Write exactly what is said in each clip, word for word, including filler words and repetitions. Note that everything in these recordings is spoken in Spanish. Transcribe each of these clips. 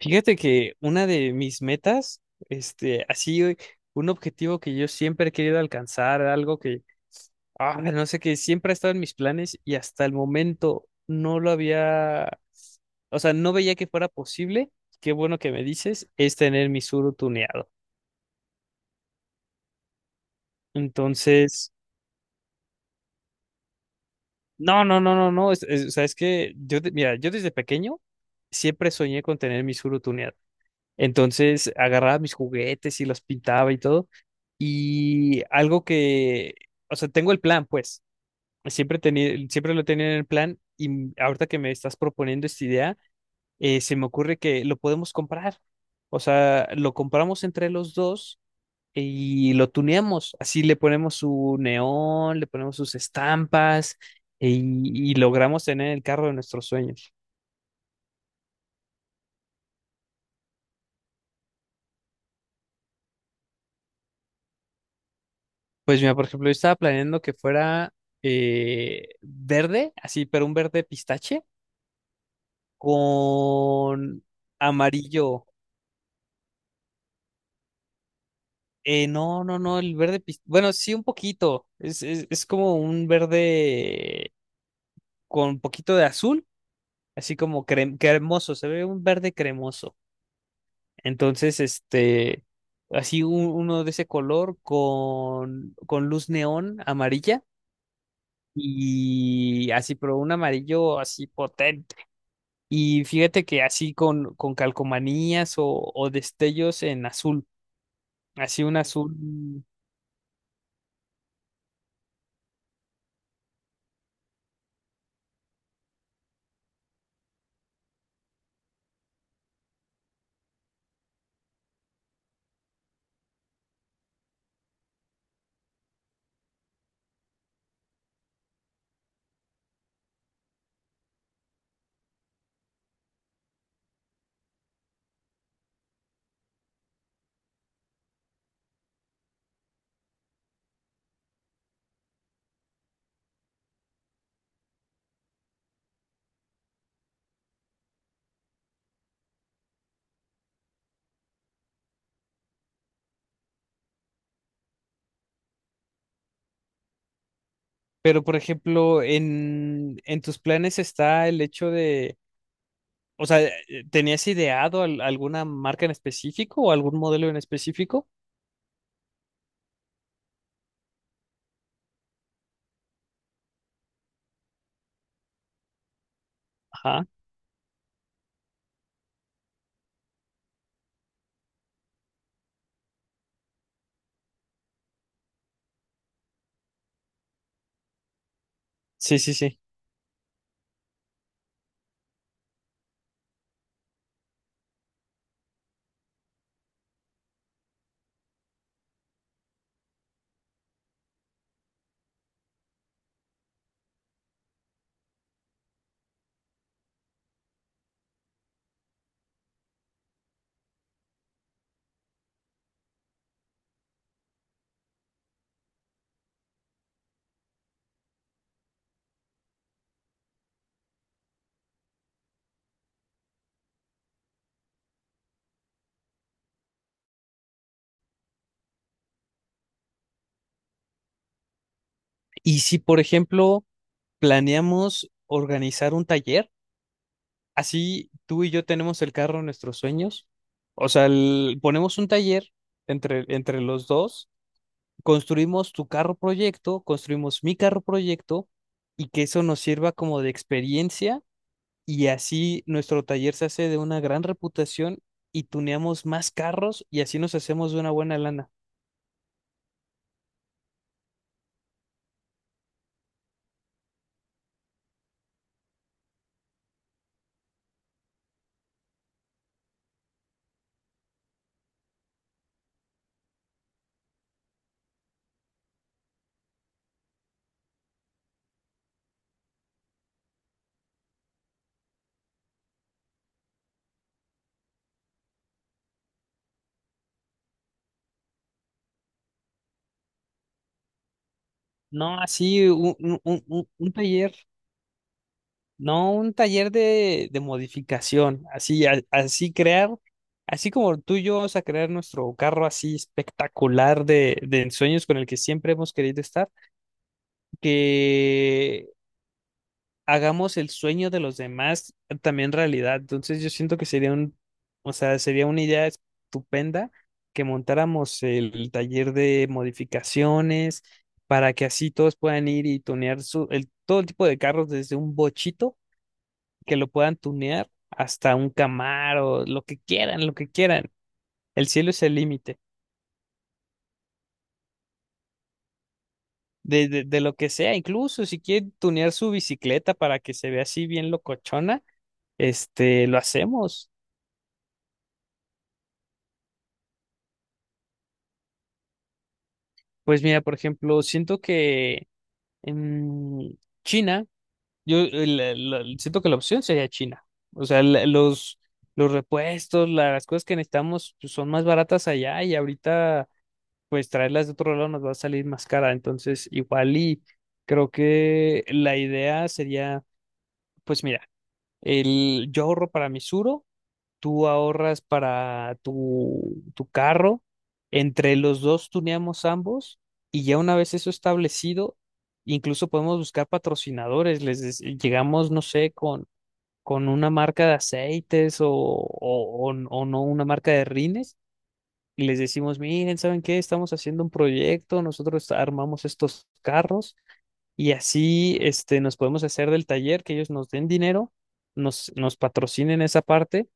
Fíjate que una de mis metas, este, así eh, un objetivo que yo siempre he querido alcanzar, algo que, ah, no sé, que siempre ha estado en mis planes y hasta el momento no lo había, o sea, no veía que fuera posible, qué bueno que me dices, es tener mi suru tuneado. Entonces, no, no, no, no, no, es, es- o sea, es que yo, de- mira, yo desde pequeño siempre soñé con tener mi suru tuneado. Entonces agarraba mis juguetes y los pintaba y todo. Y algo que, o sea, tengo el plan, pues, siempre tenía, siempre lo tenía en el plan y m- ahorita que me estás proponiendo esta idea, eh, se me ocurre que lo podemos comprar. O sea, lo compramos entre los dos y lo tuneamos. Así le ponemos su neón, le ponemos sus estampas eh, y, y logramos tener el carro de nuestros sueños. Pues mira, por ejemplo, yo estaba planeando que fuera eh, verde, así, pero un verde pistache con amarillo. Eh, no, no, no, el verde pistache. Bueno, sí, un poquito. Es, es, es como un verde con un poquito de azul, así como crem- cremoso. Se ve un verde cremoso. Entonces, este, así un- uno de ese color con, con luz neón amarilla. Y así, pero un amarillo así potente. Y fíjate que así con, con calcomanías o, o destellos en azul, así un azul. Pero por ejemplo, en, en tus planes está el hecho de, o sea, eh, ¿tenías ideado al- alguna marca en específico o algún modelo en específico? Ajá, sí, sí, sí. Y si por ejemplo planeamos organizar un taller, así tú y yo tenemos el carro en nuestros sueños, o sea, el- ponemos un taller entre, entre los dos, construimos tu carro proyecto, construimos mi carro proyecto y que eso nos sirva como de experiencia y así nuestro taller se hace de una gran reputación y tuneamos más carros y así nos hacemos de una buena lana. No, así un, un- un- un- un taller, no un taller de, de modificación, así, a- así crear, así como tú y yo vamos a crear nuestro carro así espectacular de, de ensueños con el que siempre hemos querido estar, que hagamos el sueño de los demás también realidad. Entonces yo siento que sería un, o sea, sería una idea estupenda que montáramos el taller de modificaciones para que así todos puedan ir y tunear su, el, todo tipo de carros desde un bochito que lo puedan tunear hasta un Camaro, lo que quieran, lo que quieran. El cielo es el límite. De, de, de lo que sea, incluso si quieren tunear su bicicleta para que se vea así bien locochona, este, lo hacemos. Pues mira, por ejemplo, siento que en China, yo eh, la- la- siento que la opción sería China. O sea, la- los, los repuestos, la- las cosas que necesitamos pues, son más baratas allá y ahorita pues traerlas de otro lado nos va a salir más cara. Entonces, igual y creo que la idea sería, pues mira, el, yo ahorro para mi Suro, tú ahorras para tu, tu carro, entre los dos tuneamos ambos y ya una vez eso establecido, incluso podemos buscar patrocinadores, les des- llegamos, no sé, con, con una marca de aceites o, o, o n- o no una marca de rines y les decimos, miren, ¿saben qué? Estamos haciendo un proyecto, nosotros armamos estos carros y así este, nos podemos hacer del taller, que ellos nos den dinero, nos, nos patrocinen esa parte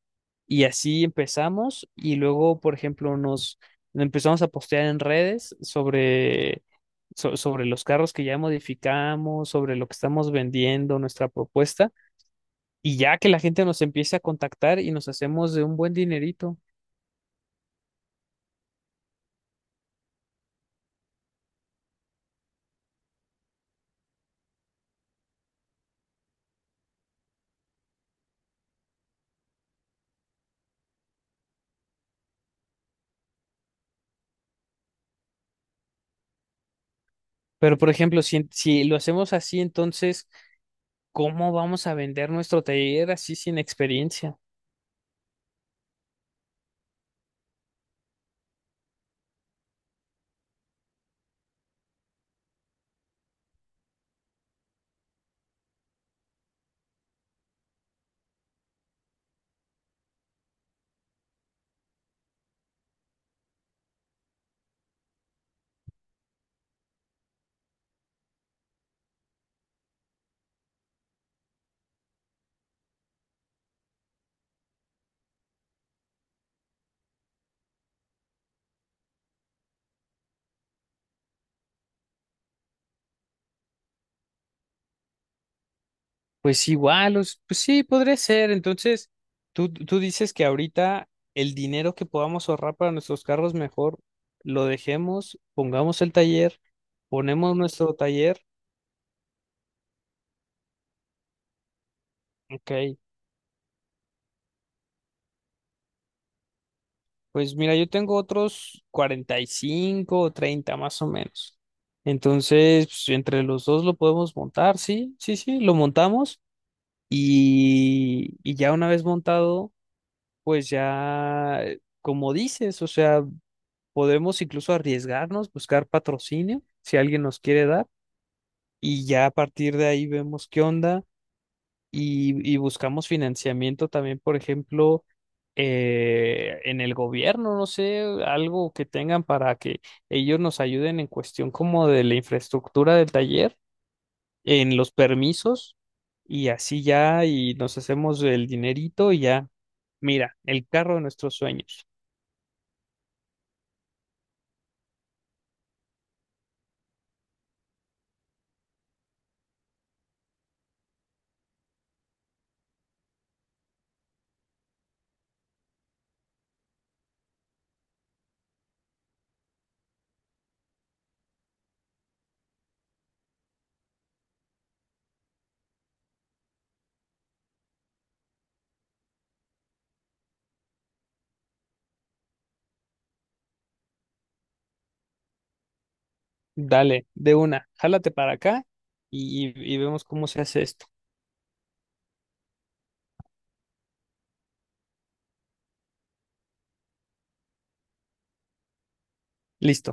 y así empezamos y luego, por ejemplo, nos empezamos a postear en redes sobre, so- sobre los carros que ya modificamos, sobre lo que estamos vendiendo, nuestra propuesta, y ya que la gente nos empiece a contactar y nos hacemos de un buen dinerito. Pero, por ejemplo, si, si lo hacemos así, entonces, ¿cómo vamos a vender nuestro taller así sin experiencia? Pues igual, os- pues sí, podría ser. Entonces, tú, tú dices que ahorita el dinero que podamos ahorrar para nuestros carros, mejor lo dejemos, pongamos el taller, ponemos nuestro taller. Ok, pues mira, yo tengo otros cuarenta y cinco o treinta más o menos. Entonces, pues, entre los dos lo podemos montar, sí, sí, sí, lo montamos y, y ya una vez montado, pues ya, eh, como dices, o sea, podemos incluso arriesgarnos, buscar patrocinio, si alguien nos quiere dar, y ya a partir de ahí vemos qué onda y, y buscamos financiamiento también, por ejemplo, eh, en el gobierno, no sé, algo que tengan para que ellos nos ayuden en cuestión como de la infraestructura del taller, en los permisos, y así ya, y nos hacemos el dinerito y ya, mira, el carro de nuestros sueños. Dale, de una, jálate para acá y, y y vemos cómo se hace esto. Listo.